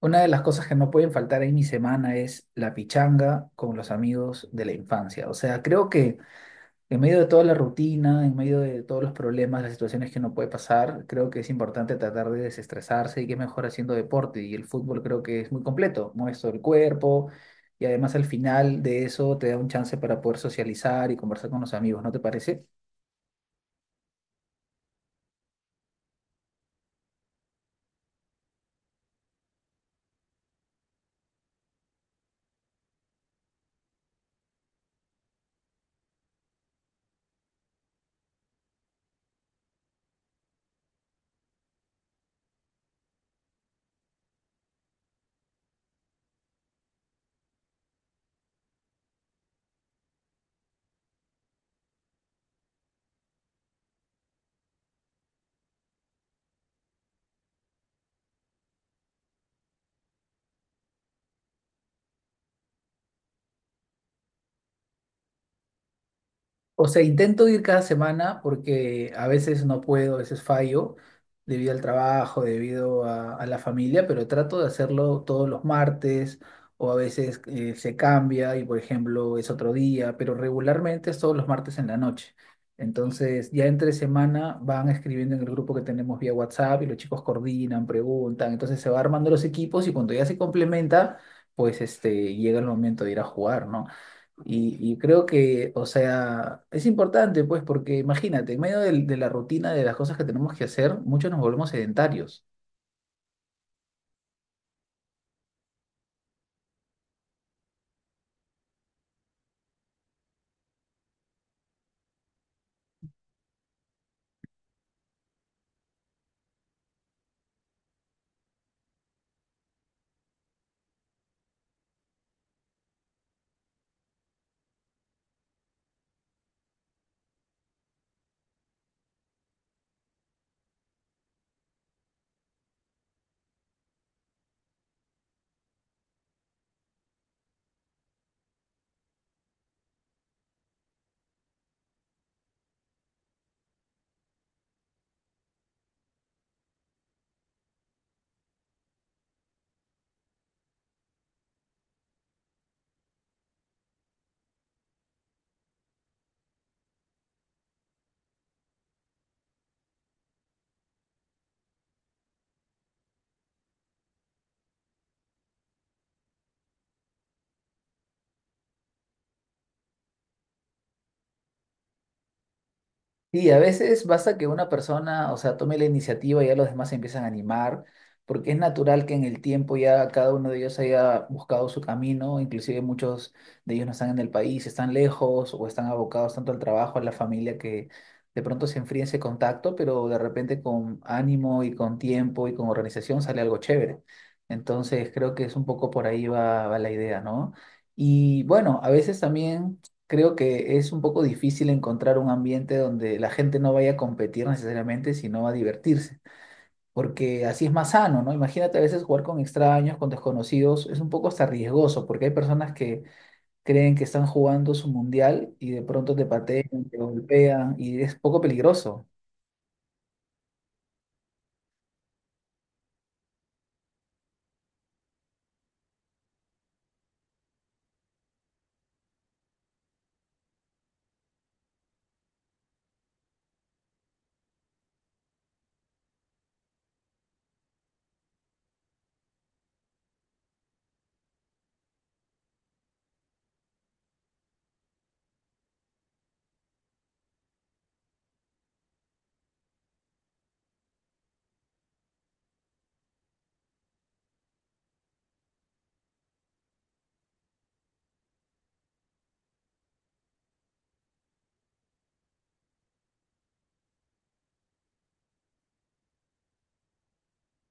Una de las cosas que no pueden faltar en mi semana es la pichanga con los amigos de la infancia. O sea, creo que en medio de toda la rutina, en medio de todos los problemas, las situaciones que uno puede pasar, creo que es importante tratar de desestresarse y que mejor haciendo deporte. Y el fútbol creo que es muy completo, mueve todo el cuerpo y además al final de eso te da un chance para poder socializar y conversar con los amigos, ¿no te parece? O sea, intento ir cada semana porque a veces no puedo, a veces fallo debido al trabajo, debido a la familia, pero trato de hacerlo todos los martes o a veces se cambia y por ejemplo es otro día, pero regularmente es todos los martes en la noche. Entonces ya entre semana van escribiendo en el grupo que tenemos vía WhatsApp y los chicos coordinan, preguntan, entonces se va armando los equipos y cuando ya se complementa, pues este, llega el momento de ir a jugar, ¿no? Y creo que, o sea, es importante, pues, porque imagínate, en medio de la rutina de las cosas que tenemos que hacer, muchos nos volvemos sedentarios. Sí, a veces basta que una persona, o sea, tome la iniciativa y ya los demás se empiezan a animar, porque es natural que en el tiempo ya cada uno de ellos haya buscado su camino, inclusive muchos de ellos no están en el país, están lejos o están abocados tanto al trabajo, a la familia, que de pronto se enfría ese contacto, pero de repente con ánimo y con tiempo y con organización sale algo chévere. Entonces creo que es un poco por ahí va la idea, ¿no? Y bueno, a veces también creo que es un poco difícil encontrar un ambiente donde la gente no vaya a competir necesariamente, sino a divertirse, porque así es más sano, ¿no? Imagínate, a veces jugar con extraños, con desconocidos, es un poco hasta riesgoso, porque hay personas que creen que están jugando su mundial y de pronto te patean, te golpean y es poco peligroso.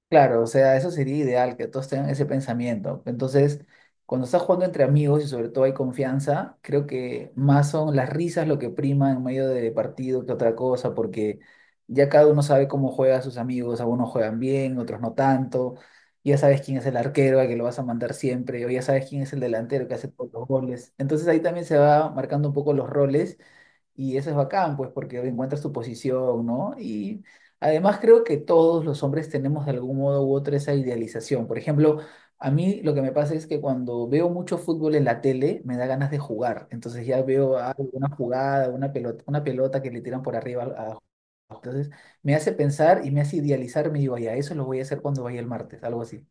Claro, o sea, eso sería ideal, que todos tengan ese pensamiento. Entonces, cuando estás jugando entre amigos y sobre todo hay confianza, creo que más son las risas lo que prima en medio de partido que otra cosa, porque ya cada uno sabe cómo juega a sus amigos, algunos juegan bien, otros no tanto, ya sabes quién es el arquero al que lo vas a mandar siempre, o ya sabes quién es el delantero que hace todos los goles. Entonces ahí también se va marcando un poco los roles y eso es bacán, pues, porque encuentras tu posición, ¿no? Y además creo que todos los hombres tenemos de algún modo u otro esa idealización. Por ejemplo, a mí lo que me pasa es que cuando veo mucho fútbol en la tele, me da ganas de jugar. Entonces ya veo alguna jugada, una pelota que le tiran por arriba a... Entonces me hace pensar y me hace idealizar, me digo, ya, eso lo voy a hacer cuando vaya el martes, algo así.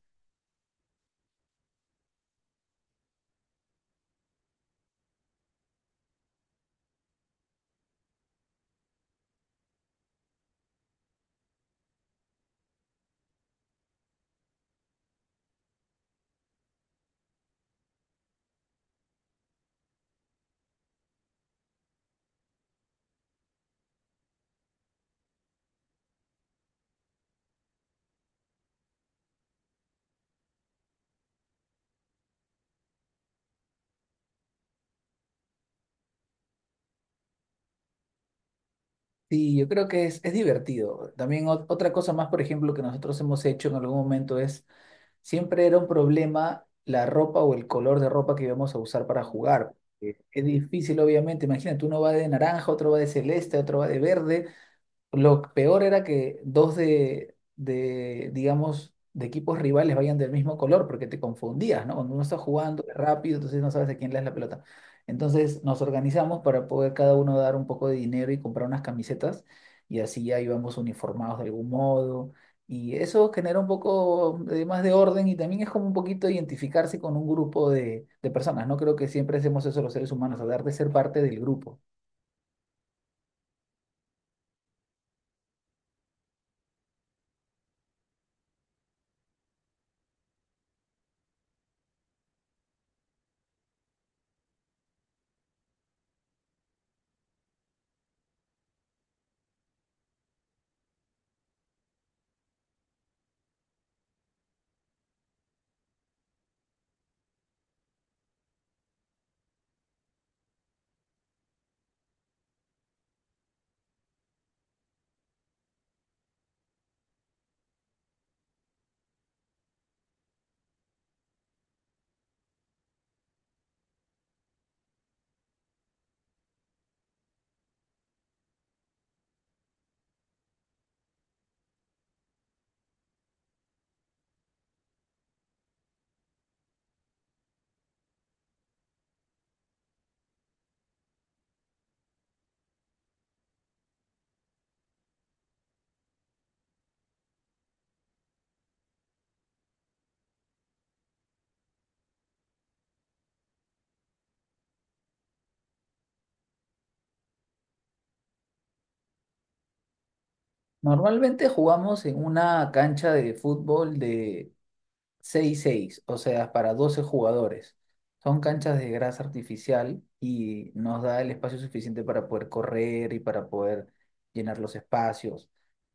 Sí, yo creo que es divertido. También otra cosa más, por ejemplo, que nosotros hemos hecho en algún momento es siempre era un problema la ropa o el color de ropa que íbamos a usar para jugar. Es difícil, obviamente. Imagínate, uno va de naranja, otro va de celeste, otro va de verde, lo peor era que dos de digamos, de equipos rivales vayan del mismo color, porque te confundías, ¿no? Cuando uno está jugando es rápido, entonces no sabes a quién le das la pelota. Entonces nos organizamos para poder cada uno dar un poco de dinero y comprar unas camisetas, y así ya íbamos uniformados de algún modo. Y eso genera un poco de más de orden y también es como un poquito identificarse con un grupo de personas, ¿no? Creo que siempre hacemos eso los seres humanos, hablar de ser parte del grupo. Normalmente jugamos en una cancha de fútbol de seis seis, o sea, para 12 jugadores. Son canchas de grasa artificial y nos da el espacio suficiente para poder correr y para poder llenar los espacios.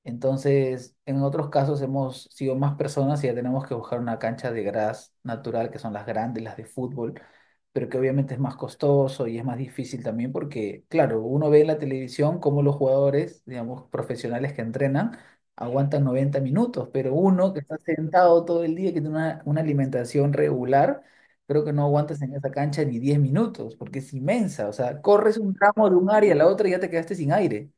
Entonces, en otros casos hemos sido más personas y ya tenemos que buscar una cancha de gras natural, que son las grandes, las de fútbol, pero que obviamente es más costoso y es más difícil también porque, claro, uno ve en la televisión cómo los jugadores, digamos, profesionales que entrenan, aguantan 90 minutos, pero uno que está sentado todo el día, que tiene una alimentación regular, creo que no aguantas en esa cancha ni 10 minutos, porque es inmensa, o sea, corres un tramo de un área a la otra y ya te quedaste sin aire.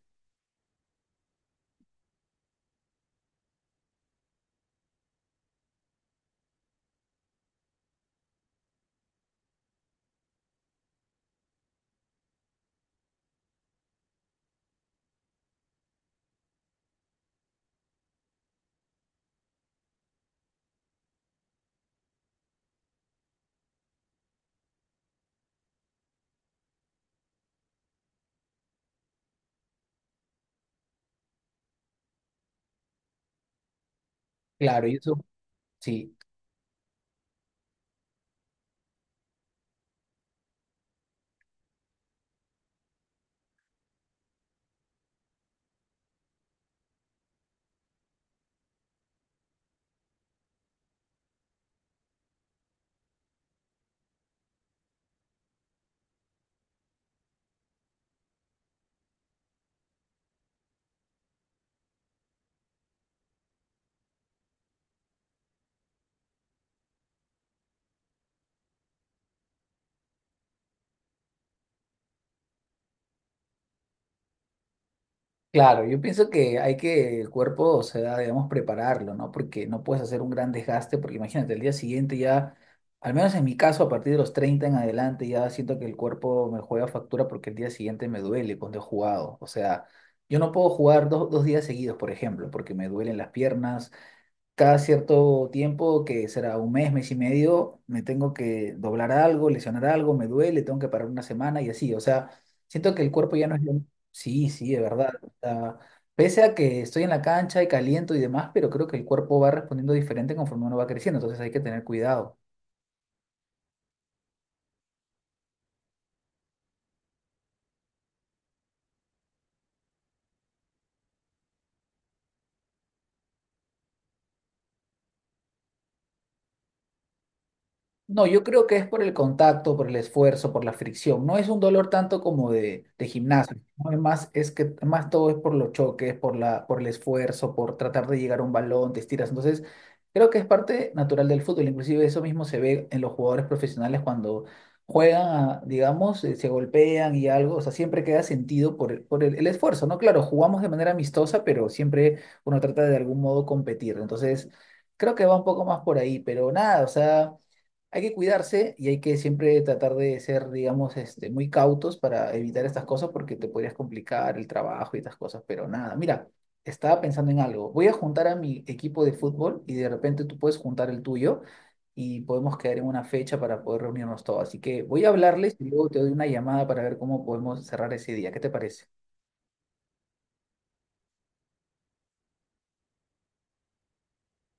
Claro, y eso, sí, claro, yo pienso que hay que el cuerpo, o sea, debemos prepararlo, ¿no? Porque no puedes hacer un gran desgaste, porque imagínate, el día siguiente ya, al menos en mi caso, a partir de los 30 en adelante, ya siento que el cuerpo me juega factura porque el día siguiente me duele cuando he jugado. O sea, yo no puedo jugar dos días seguidos, por ejemplo, porque me duelen las piernas, cada cierto tiempo, que será un mes, mes y medio, me tengo que doblar algo, lesionar algo, me duele, tengo que parar una semana y así. O sea, siento que el cuerpo ya no es... Sí, sí, de verdad. O sea, pese a que estoy en la cancha y caliento y demás, pero creo que el cuerpo va respondiendo diferente conforme uno va creciendo, entonces hay que tener cuidado. No, yo creo que es por el contacto, por el esfuerzo, por la fricción. No es un dolor tanto como de gimnasio, ¿no? Es más, es que más todo es por los choques, por la, por el esfuerzo, por tratar de llegar a un balón, te estiras. Entonces, creo que es parte natural del fútbol. Inclusive eso mismo se ve en los jugadores profesionales cuando juegan, digamos, se golpean y algo. O sea, siempre queda sentido por, por el esfuerzo, ¿no? Claro, jugamos de manera amistosa, pero siempre uno trata de algún modo competir. Entonces, creo que va un poco más por ahí, pero nada, o sea... Hay que cuidarse y hay que siempre tratar de ser, digamos, este, muy cautos para evitar estas cosas porque te podrías complicar el trabajo y estas cosas, pero nada, mira, estaba pensando en algo. Voy a juntar a mi equipo de fútbol y de repente tú puedes juntar el tuyo y podemos quedar en una fecha para poder reunirnos todos. Así que voy a hablarles y luego te doy una llamada para ver cómo podemos cerrar ese día. ¿Qué te parece?